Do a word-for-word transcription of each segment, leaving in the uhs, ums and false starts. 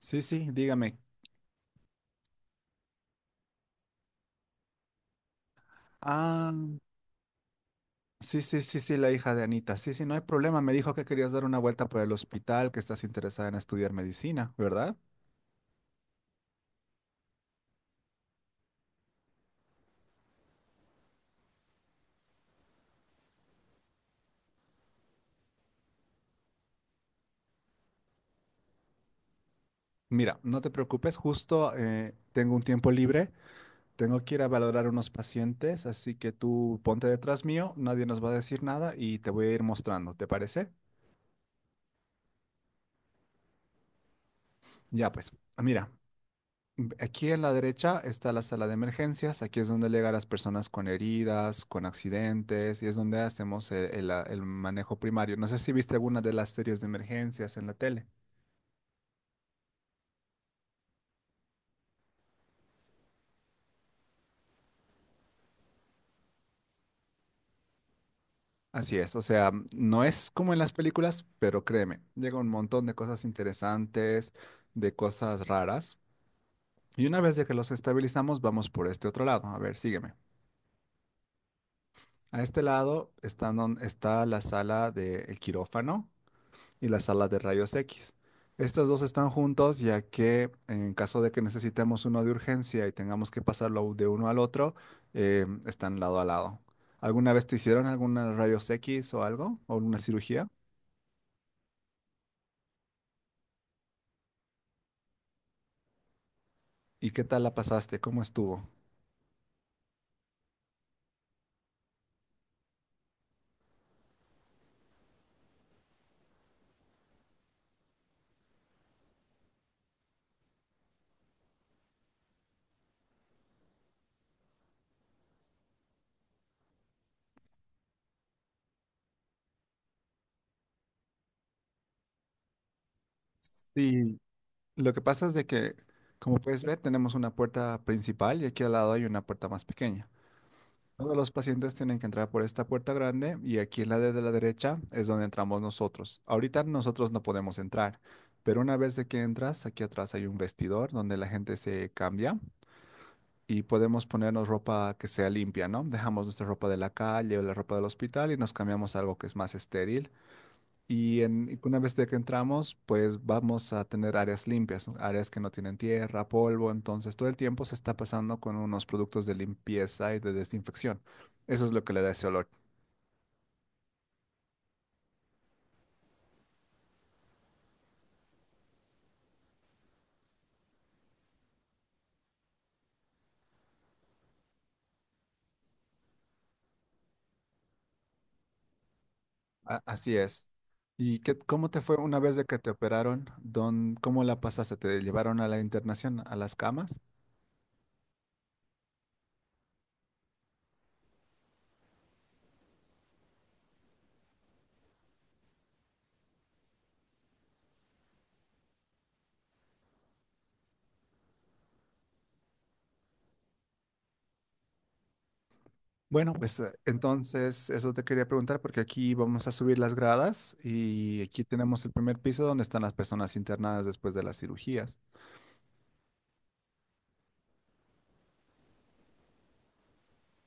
Sí, sí, dígame. Ah, sí, sí, sí, sí, la hija de Anita. Sí, sí, no hay problema. Me dijo que querías dar una vuelta por el hospital, que estás interesada en estudiar medicina, ¿verdad? Mira, no te preocupes, justo eh, tengo un tiempo libre, tengo que ir a valorar unos pacientes, así que tú ponte detrás mío, nadie nos va a decir nada y te voy a ir mostrando, ¿te parece? Ya, pues, mira, Mm, aquí en la derecha está la sala de emergencias, aquí es donde llegan las personas con heridas, con accidentes, y es donde hacemos el, el- la- el manejo primario. No sé si viste alguna de las series de emergencias en la tele. Así es, o sea, no es como en las películas, pero créeme, llega un montón de cosas interesantes, de cosas raras, y una vez de que los estabilizamos, vamos por este otro lado. A ver, sígueme. A este lado está, don- está la sala del quirófano y las salas de rayos X. Estas dos están juntos ya que en caso de que necesitemos uno de urgencia y tengamos que pasarlo de uno al otro, eh, están lado a lado. ¿Alguna vez te hicieron alguna rayos X o algo? ¿O alguna cirugía? ¿Y qué tal la pasaste? ¿Cómo estuvo? Sí, lo que pasa es de que, como puedes ver, tenemos una puerta principal y aquí al lado hay una puerta más pequeña. Todos los pacientes tienen que entrar por esta puerta grande y aquí en la de la derecha es donde entramos nosotros. Ahorita nosotros no podemos entrar, pero una vez de que entras, aquí atrás hay un vestidor donde la gente se cambia y podemos ponernos ropa que sea limpia, ¿no? Dejamos nuestra ropa de la calle o la ropa del hospital y nos cambiamos a algo que es más estéril. Y en, y una vez de que entramos, pues vamos a tener áreas limpias, ¿no? Áreas que no tienen tierra, polvo, entonces todo el tiempo se está pasando con unos productos de limpieza y de desinfección. Eso es lo que le da ese olor. A- así es. ¿Y qué, cómo te fue una vez de que te operaron? ¿Dón- cómo la pasaste? ¿Te llevaron a la internación, a las camas? Bueno, pues eh, entonces eso te quería preguntar porque aquí vamos a subir las gradas y aquí tenemos el primer piso donde están las personas internadas después de las cirugías.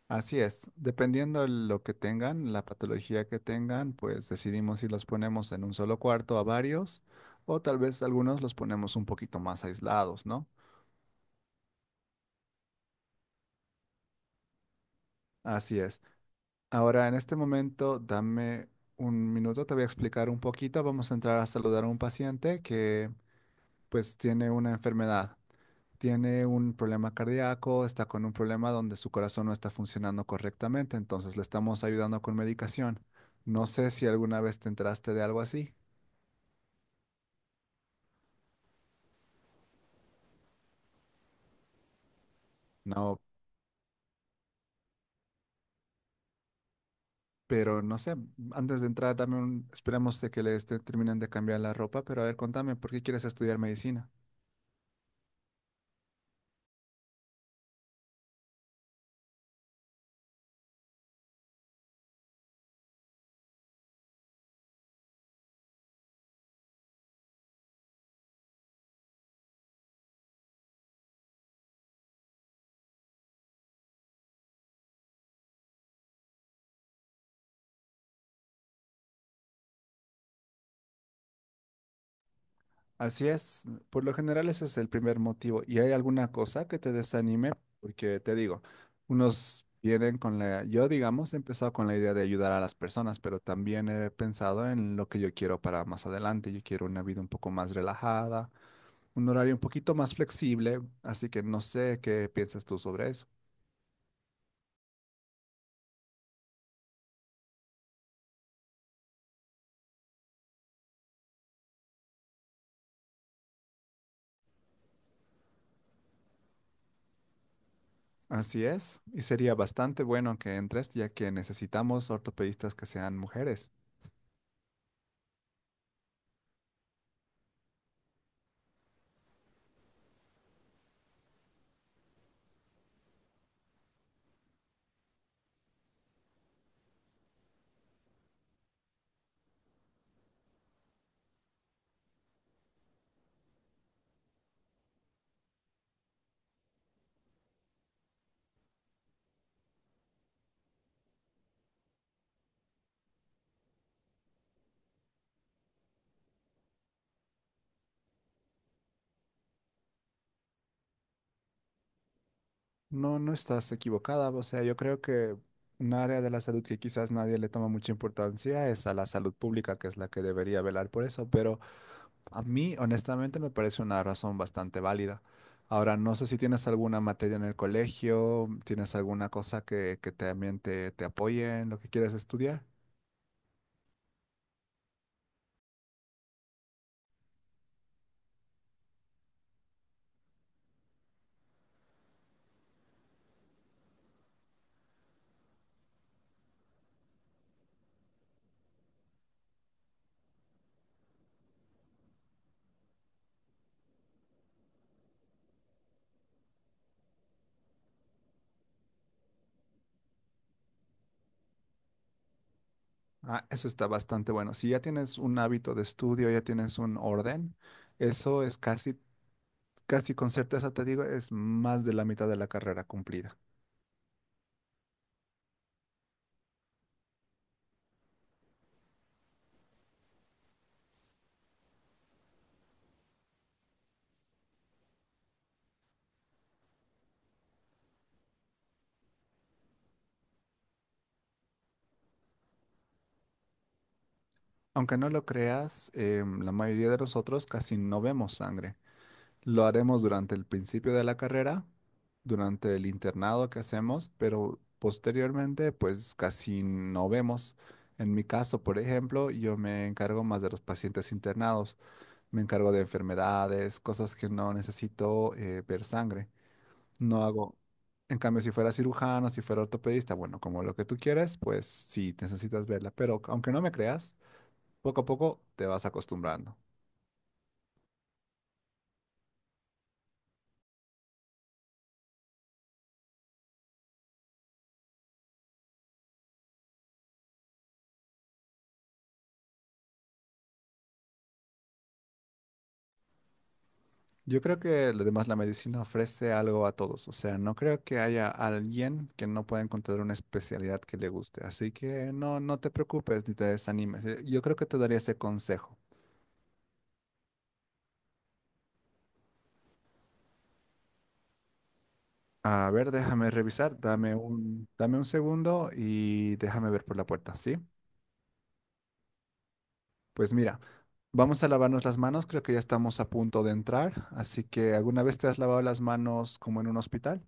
Así es, dependiendo de lo que tengan, la patología que tengan, pues decidimos si los ponemos en un solo cuarto a varios o tal vez algunos los ponemos un poquito más aislados, ¿no? Así es. Ahora, en este momento, dame un minuto, te voy a explicar un poquito. Vamos a entrar a saludar a un paciente que pues tiene una enfermedad, tiene un problema cardíaco, está con un problema donde su corazón no está funcionando correctamente, entonces le estamos ayudando con medicación. No sé si alguna vez te enteraste de algo así. No, pero no sé, antes de entrar, dame un, esperemos de que le esté, terminen de cambiar la ropa, pero a ver, contame, ¿por qué quieres estudiar medicina? Así es, por lo general ese es el primer motivo. ¿Y hay alguna cosa que te desanime? Porque te digo, unos vienen con la, yo digamos, he empezado con la idea de ayudar a las personas, pero también he pensado en lo que yo quiero para más adelante. Yo quiero una vida un poco más relajada, un horario un poquito más flexible, así que no sé qué piensas tú sobre eso. Así es, y sería bastante bueno que entres, ya que necesitamos ortopedistas que sean mujeres. No, no estás equivocada, o sea, yo creo que un área de la salud que quizás nadie le toma mucha importancia es a la salud pública, que es la que debería velar por eso, pero a mí honestamente me parece una razón bastante válida. Ahora, no sé si tienes alguna materia en el colegio, tienes alguna cosa que, que también te, te apoye en lo que quieres estudiar. Ah, eso está bastante bueno. Si ya tienes un hábito de estudio, ya tienes un orden, eso es casi, casi con certeza te digo, es más de la mitad de la carrera cumplida. Aunque no lo creas, em, la mayoría de nosotros casi no vemos sangre. Lo haremos durante el principio de la carrera, durante el internado que hacemos, pero posteriormente, pues casi no vemos. En mi caso, por ejemplo, yo me encargo más de los pacientes internados. Me encargo de enfermedades, cosas que no necesito eh, ver sangre. No hago. En cambio, si fuera cirujano, si fuera ortopedista, bueno, como lo que tú quieras, pues sí, necesitas verla. Pero aunque no me creas, poco a poco te vas acostumbrando. Yo creo que además la medicina ofrece algo a todos. O sea, no creo que haya alguien que no pueda encontrar una especialidad que le guste. Así que no, no te preocupes ni te desanimes. Eh, Yo creo que te daría ese consejo. A ver, déjame revisar, dame un, dame un segundo y déjame ver por la puerta, ¿sí? Pues mira, vamos a lavarnos las manos, creo que ya estamos a punto de entrar, así que ¿alguna vez te has lavado las manos como en un hospital?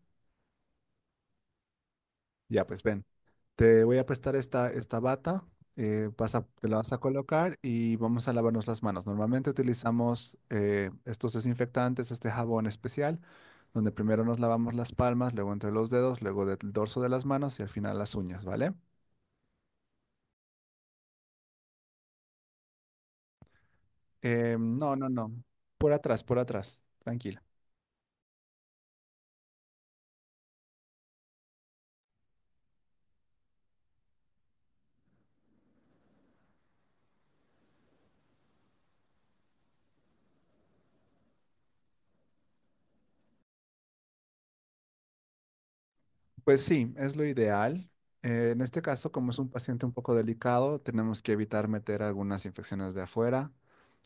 Ya, pues ven, te voy a prestar esta, esta bata, eh, vas a- te la vas a colocar y vamos a lavarnos las manos. Normalmente utilizamos eh, estos desinfectantes, este jabón especial, donde primero nos lavamos las palmas, luego entre los dedos, luego del dorso de las manos y al final las uñas, ¿vale? Eh, no, no, no. Por atrás, por atrás. Tranquila. Pues sí, es lo ideal. Eh, en este caso, como es un paciente un poco delicado, tenemos que evitar meter algunas infecciones de afuera.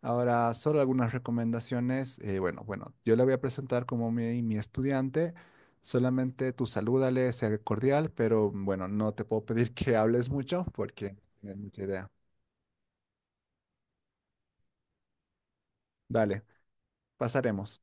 Ahora, solo algunas recomendaciones. Eh, bueno, bueno, yo le voy a presentar como mi, mi estudiante. Solamente tú salúdale, sea cordial, pero bueno, no te puedo pedir que hables mucho porque no tienes mucha idea. Dale, pasaremos.